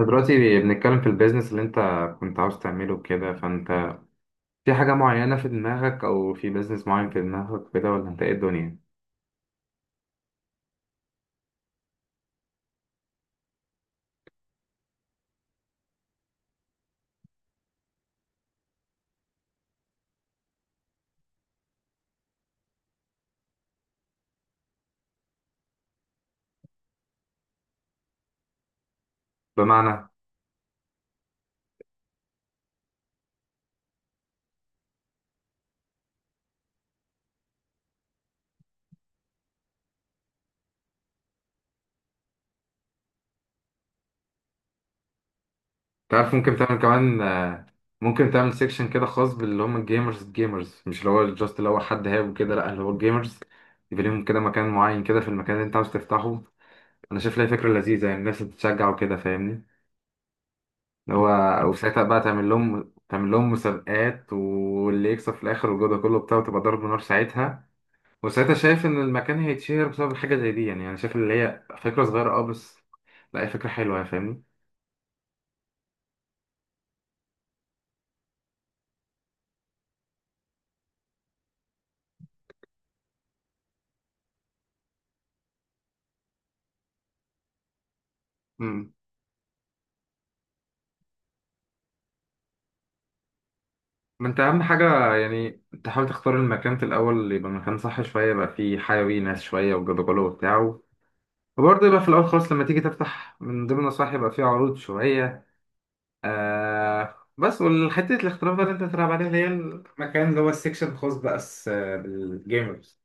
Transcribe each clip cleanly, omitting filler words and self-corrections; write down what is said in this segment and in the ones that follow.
إحنا دلوقتي بنتكلم في البيزنس اللي انت كنت عاوز تعمله كده، فانت في حاجة معينة في دماغك او في بيزنس معين في دماغك كده، ولا انت ايه الدنيا بمعنى؟ تعرف ممكن تعمل كمان، ممكن تعمل سيكشن كده خاص باللي هم الجيمرز. الجيمرز مش اللي هو جاست اللي هو حد هاب كده، لا اللي هو الجيمرز. يبقى لهم كده مكان معين كده في المكان اللي انت عاوز تفتحه. انا شايف لها فكرة لذيذة، يعني الناس بتتشجع وكده فاهمني. اللي هو وساعتها بقى تعمل لهم مسابقات، واللي يكسب في الاخر والجو ده كله بتاعه، تبقى ضرب نار ساعتها. وساعتها شايف ان المكان هيتشهر بسبب حاجه زي دي. يعني انا شايف اللي هي فكره صغيره بس لا، هي فكره حلوه يعني، فاهمني. امم ما انت اهم حاجه يعني تحاول تختار المكان في الاول اللي يبقى مكان صح شويه، يبقى فيه حيوي ناس شويه وجدجله وبتاع. وبرضه يبقى في الاول خالص لما تيجي تفتح، من ضمن النصائح يبقى فيه عروض شويه، بس. والحتة الاختلاف بقى اللي انت بتلعب عليها اللي هي المكان اللي هو السكشن الخاص بقى بس، بالجيمرز.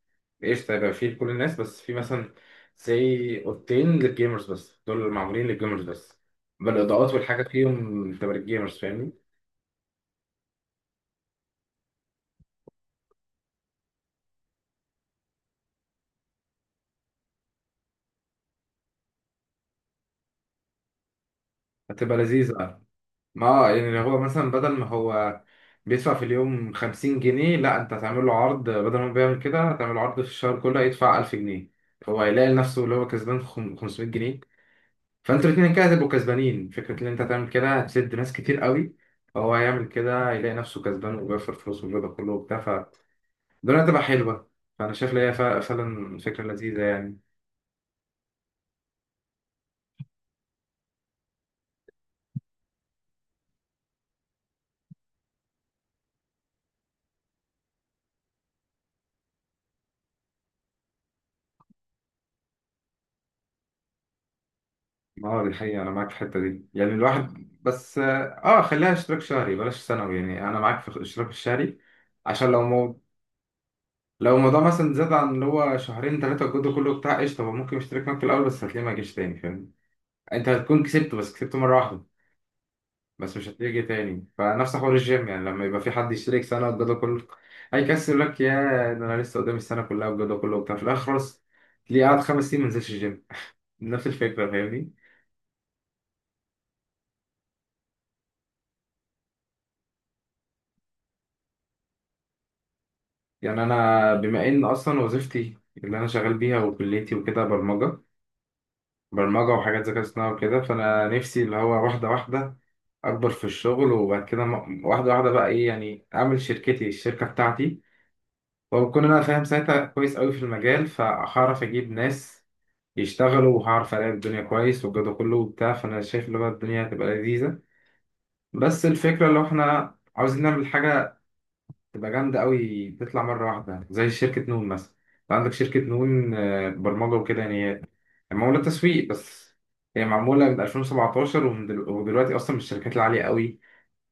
ايش طيب فيه لكل الناس، بس في مثلا زي اوضتين للجيمرز بس، دول اللي معمولين للجيمرز بس، بالاضاءات والحاجة فيهم تبقى للجيمرز فاهمني. هتبقى لذيذة. ما يعني هو مثلا بدل ما هو بيدفع في اليوم 50 جنيه، لا انت هتعمل له عرض، بدل ما هو بيعمل كده هتعمل له عرض في الشهر كله يدفع 1000 جنيه. هو هيلاقي نفسه اللي هو كسبان 500 جنيه. فانتوا الاثنين كده هتبقوا كسبانين. فكره ان انت تعمل كده هتسد ناس كتير قوي، فهو هيعمل كده يلاقي نفسه كسبان، وبيخسر فلوس والرضا كله وبتاع، فالدنيا هتبقى حلوه. فانا شايف ان هي فعلا فكره لذيذه يعني. اه، دي حقيقه، انا معاك في الحته دي يعني، الواحد بس اه خليها اشتراك شهري بلاش سنوي، يعني انا معاك في الاشتراك الشهري. عشان لو مو... لو الموضوع مثلا زاد عن اللي هو شهرين ثلاثه الجد كله بتاع قشطه، هو ممكن يشترك معاك في الاول، بس هتلاقيه ما جاش تاني فاهم. انت هتكون كسبته بس كسبته مره واحده، بس مش هتيجي تاني. فنفس حوار الجيم، يعني لما يبقى في حد يشترك سنة والجدول كله هيكسر لك، يا ده انا لسه قدامي السنة كلها والجدول كله وبتاع، في الآخر خلاص تلاقيه قاعد خمس سنين ما نزلش الجيم. نفس الفكرة فاهمني. يعني أنا بما إن أصلا وظيفتي اللي أنا شغال بيها وكليتي وكده برمجة، برمجة وحاجات ذكاء اصطناعي وكده، فأنا نفسي اللي هو واحدة واحدة أكبر في الشغل، وبعد كده واحدة واحدة بقى إيه يعني أعمل شركتي، الشركة بتاعتي. وبكون أنا فاهم ساعتها كويس أوي في المجال، فهعرف أجيب ناس يشتغلوا، وهعرف الاقي الدنيا كويس والجو ده كله وبتاع. فانا شايف اللي هو الدنيا هتبقى لذيذه. بس الفكره لو احنا عاوزين نعمل حاجه تبقى جامده قوي، تطلع مره واحده زي شركه نون مثلا. انت عندك شركه نون، برمجه وكده يعني هي معموله تسويق بس. هي معموله من 2017، ومن دل- ودلوقتي اصلا من الشركات العاليه قوي،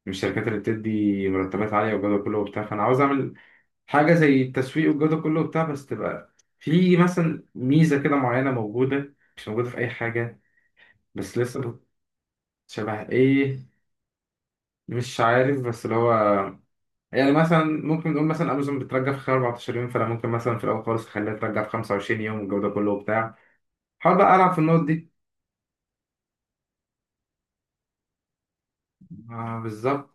من الشركات اللي بتدي مرتبات عاليه والجو ده كله وبتاع. فانا عاوز اعمل حاجه زي التسويق والجو ده كله وبتاع، بس تبقى في مثلا ميزه كده معينه موجوده مش موجوده في اي حاجه بس لسه. شبه ايه؟ مش عارف بس اللي هو يعني مثلا ممكن نقول مثلا امازون بترجع في خلال 14 يوم، فانا ممكن مثلا في الاول خالص اخليها ترجع في 25 يوم والجو ده كله وبتاع. حاول بقى العب في النقط دي. آه بالظبط.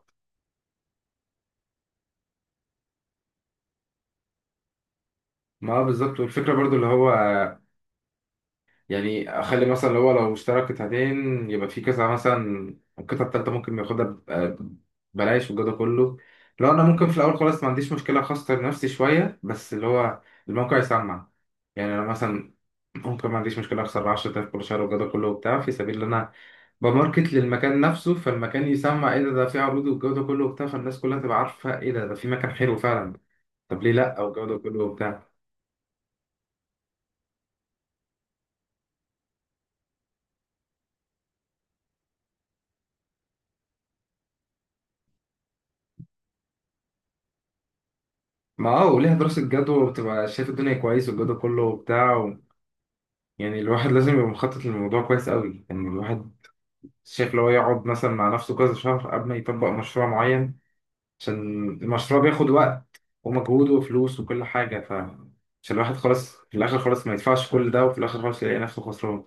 ما آه بالظبط، والفكره برضو اللي هو يعني اخلي مثلا اللي هو لو اشترى قطعتين يبقى في كذا، مثلا القطعه التالته ممكن ياخدها بلاش والجو ده كله. لو انا ممكن في الاول خالص ما عنديش مشكله اخسر نفسي شويه، بس اللي هو الموقع يسمع. يعني انا مثلا ممكن ما عنديش مشكلة أخسر 10,000 كل شهر والجو ده كله وبتاع، في سبيل إن أنا بماركت للمكان نفسه، فالمكان يسمع إيه ده، في عروض والجو ده كله وبتاع، فالناس كلها تبقى عارفة إيه ده، في مكان حلو فعلا. طب ليه لأ؟ والجو ده كله وبتاع. ما أه، وليها دراسة جدوى، وبتبقى شايف الدنيا كويس والجو ده كله وبتاع و... يعني الواحد لازم يبقى مخطط للموضوع كويس قوي، يعني الواحد شايف لو يقعد مثلا مع نفسه كذا شهر قبل ما يطبق مشروع معين، عشان المشروع بياخد وقت ومجهود وفلوس وكل حاجة. ف عشان الواحد خلاص في الآخر خلاص ما يدفعش كل ده، وفي الآخر خلاص يلاقي نفسه خسران.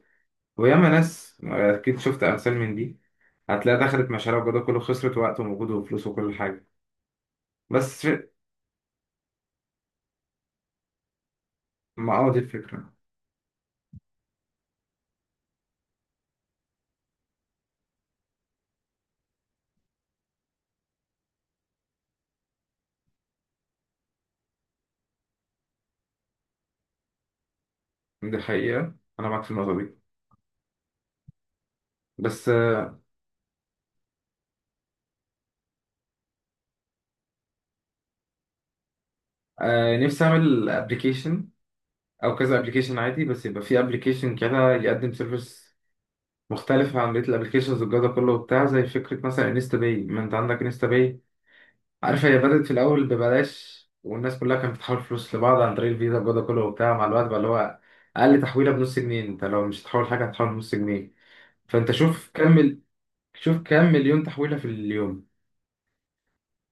وياما ناس أكيد شفت أمثال من دي، هتلاقي دخلت مشاريع وجوده كله، خسرت وقت ومجهود وفلوس وكل حاجة. بس في- ما اه دي الفكرة. دي الحقيقة، أنا معاك في النقطة دي بس. آه نفسي أعمل أبلكيشن أو كذا أبلكيشن عادي، بس يبقى في أبلكيشن كده يقدم سيرفيس مختلف عن بقية الأبلكيشنز والجودة كله وبتاع. زي فكرة مثلا انستا باي، ما أنت عندك انستا باي، عارف هي بدأت في الأول ببلاش، والناس كلها كانت بتحول فلوس لبعض عن طريق الفيزا وجوده كله وبتاع. مع الوقت بقى اللي هو أقل تحويلة بنص جنيه، أنت لو مش هتحول حاجة هتحول بنص جنيه. فأنت شوف كم مليون تحويلة في اليوم.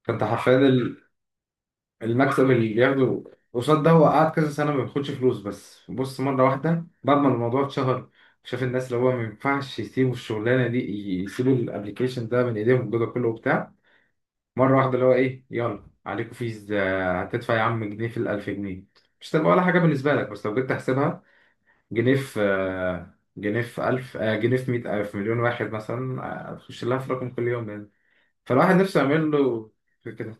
فأنت حرفيا المكسب اللي بياخده قصاد ده، هو قعد كذا سنة ما بياخدش فلوس، بس بص مرة واحدة بعد ما الموضوع اتشهر، شاف الناس اللي هو ما ينفعش يسيبوا الشغلانة دي، يسيبوا الابلكيشن ده من ايديهم الجوده كله وبتاع. مرة واحدة اللي هو إيه يلا عليكم فيز، هتدفع يا عم جنيه في الألف جنيه، مش هتبقى ولا حاجة بالنسبة لك. بس لو جيت تحسبها جنيه في جنيه في ألف، جنيه في مية، في مليون واحد مثلا، هتخش لها في رقم كل يوم يعني. فالواحد نفسه يعمل له كده.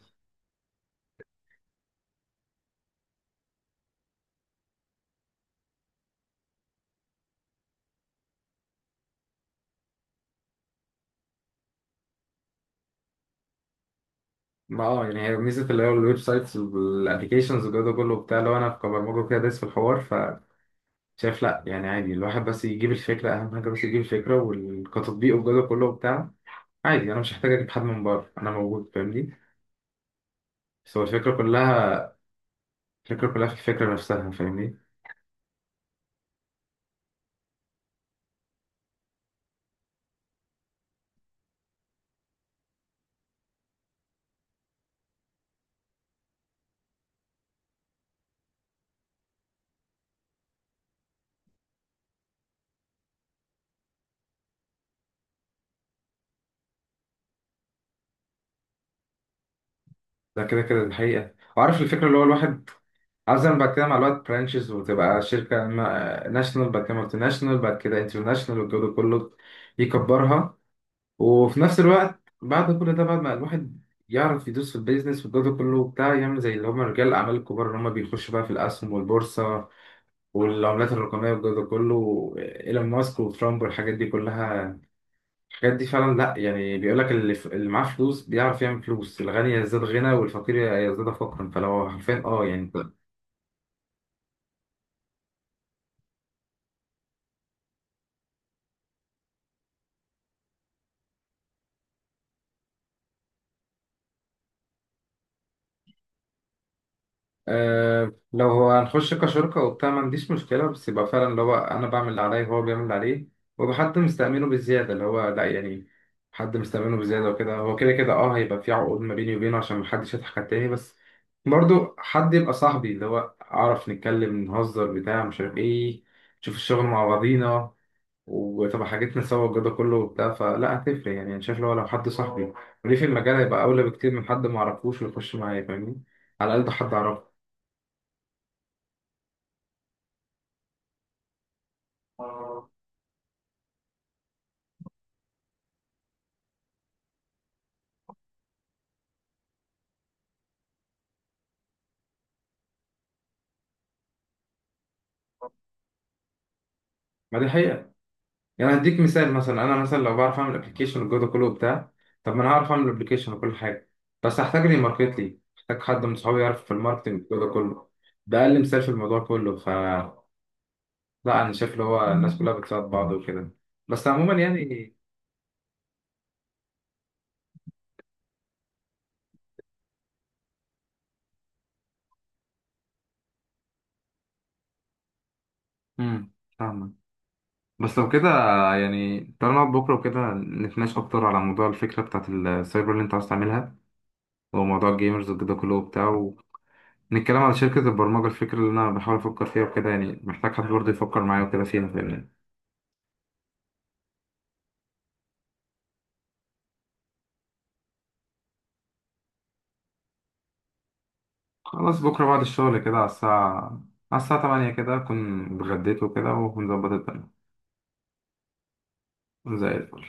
ما اه، يعني هي ميزة اللي هو الويب سايتس والابلكيشنز والجو ده كله وبتاع، لو انا كبرمجة كده دايس في الحوار، فشايف لا يعني عادي الواحد بس يجيب الفكرة، أهم حاجة بس يجيب الفكرة والكتطبيق والجو ده كله وبتاع. عادي أنا مش محتاج أجيب حد من بره، أنا موجود فاهمني. بس هو الفكرة كلها، الفكرة كلها في الفكرة نفسها فاهمني. ده كده كده الحقيقة. وعارف الفكرة اللي هو الواحد عاوز، أنا بعد كده مع الوقت برانشز، وتبقى شركة ناشونال، بعد كده مالتي ناشونال، بعد كده انترناشونال والجو ده كله، يكبرها. وفي نفس الوقت بعد كل ده، بعد ما الواحد يعرف يدوس في البيزنس والجو ده كله وبتاع، يعمل زي اللي هم رجال الأعمال الكبار اللي هم بيخشوا بقى في الأسهم والبورصة والعملات الرقمية والجو ده كله، إيلون ماسك وترامب والحاجات دي كلها. الحاجات دي فعلا لا يعني، بيقول لك اللي معاه فلوس بيعرف يعمل فلوس، الغني يزداد غنى والفقير يزداد فقرا. فلو حرفيا اه يعني انت. آه لو هو هنخش كشركة وبتاع ما عنديش مشكلة، بس يبقى فعلا اللي هو أنا بعمل اللي عليا وهو بيعمل اللي عليه، ويبقى حد مستأمنه بالزيادة اللي هو لا يعني، حد مستأمنه بالزيادة وكده. هو كده كده اه هيبقى في عقود ما بيني وبينه عشان محدش يضحك على التاني، بس برضو حد يبقى صاحبي اللي هو أعرف نتكلم نهزر بتاع مش عارف ايه، نشوف الشغل مع بعضينا، وتبقى حاجتنا سوا والجو ده كله وبتاع. فلا هتفرق يعني، انا شايف لو حد صاحبي وليه في المجال هيبقى اولى بكتير من حد ما اعرفوش ويخش معايا فاهمني، على الاقل ده حد اعرفه. ما دي حقيقه. يعني هديك مثال، مثلا انا مثلا لو بعرف اعمل ابلكيشن والجو ده كله وبتاع، طب ما انا هعرف اعمل ابلكيشن وكل حاجه، بس هحتاج لي ماركت لي، محتاج حد من صحابي يعرف في الماركتنج والجو ده كله. ده اقل مثال في الموضوع كله. ف لا انا شايف اللي هو الناس كلها بتساعد بعض وكده، بس عموما يعني. امم فاهمك. بس لو كده يعني، تعالى نقعد بكرة وكده نتناقش أكتر على موضوع الفكرة بتاعت السايبر اللي أنت عايز تعملها، وموضوع الجيمرز وكده كله وبتاع، ونتكلم على شركة البرمجة الفكرة اللي أنا بحاول أفكر فيها وكده. يعني محتاج حد برضه يفكر معايا وكده فيها فاهمني. خلاص، بكرة بعد الشغل كده على الساعة تمانية كده أكون اتغديت وكده، ونظبط الدنيا. زي الفل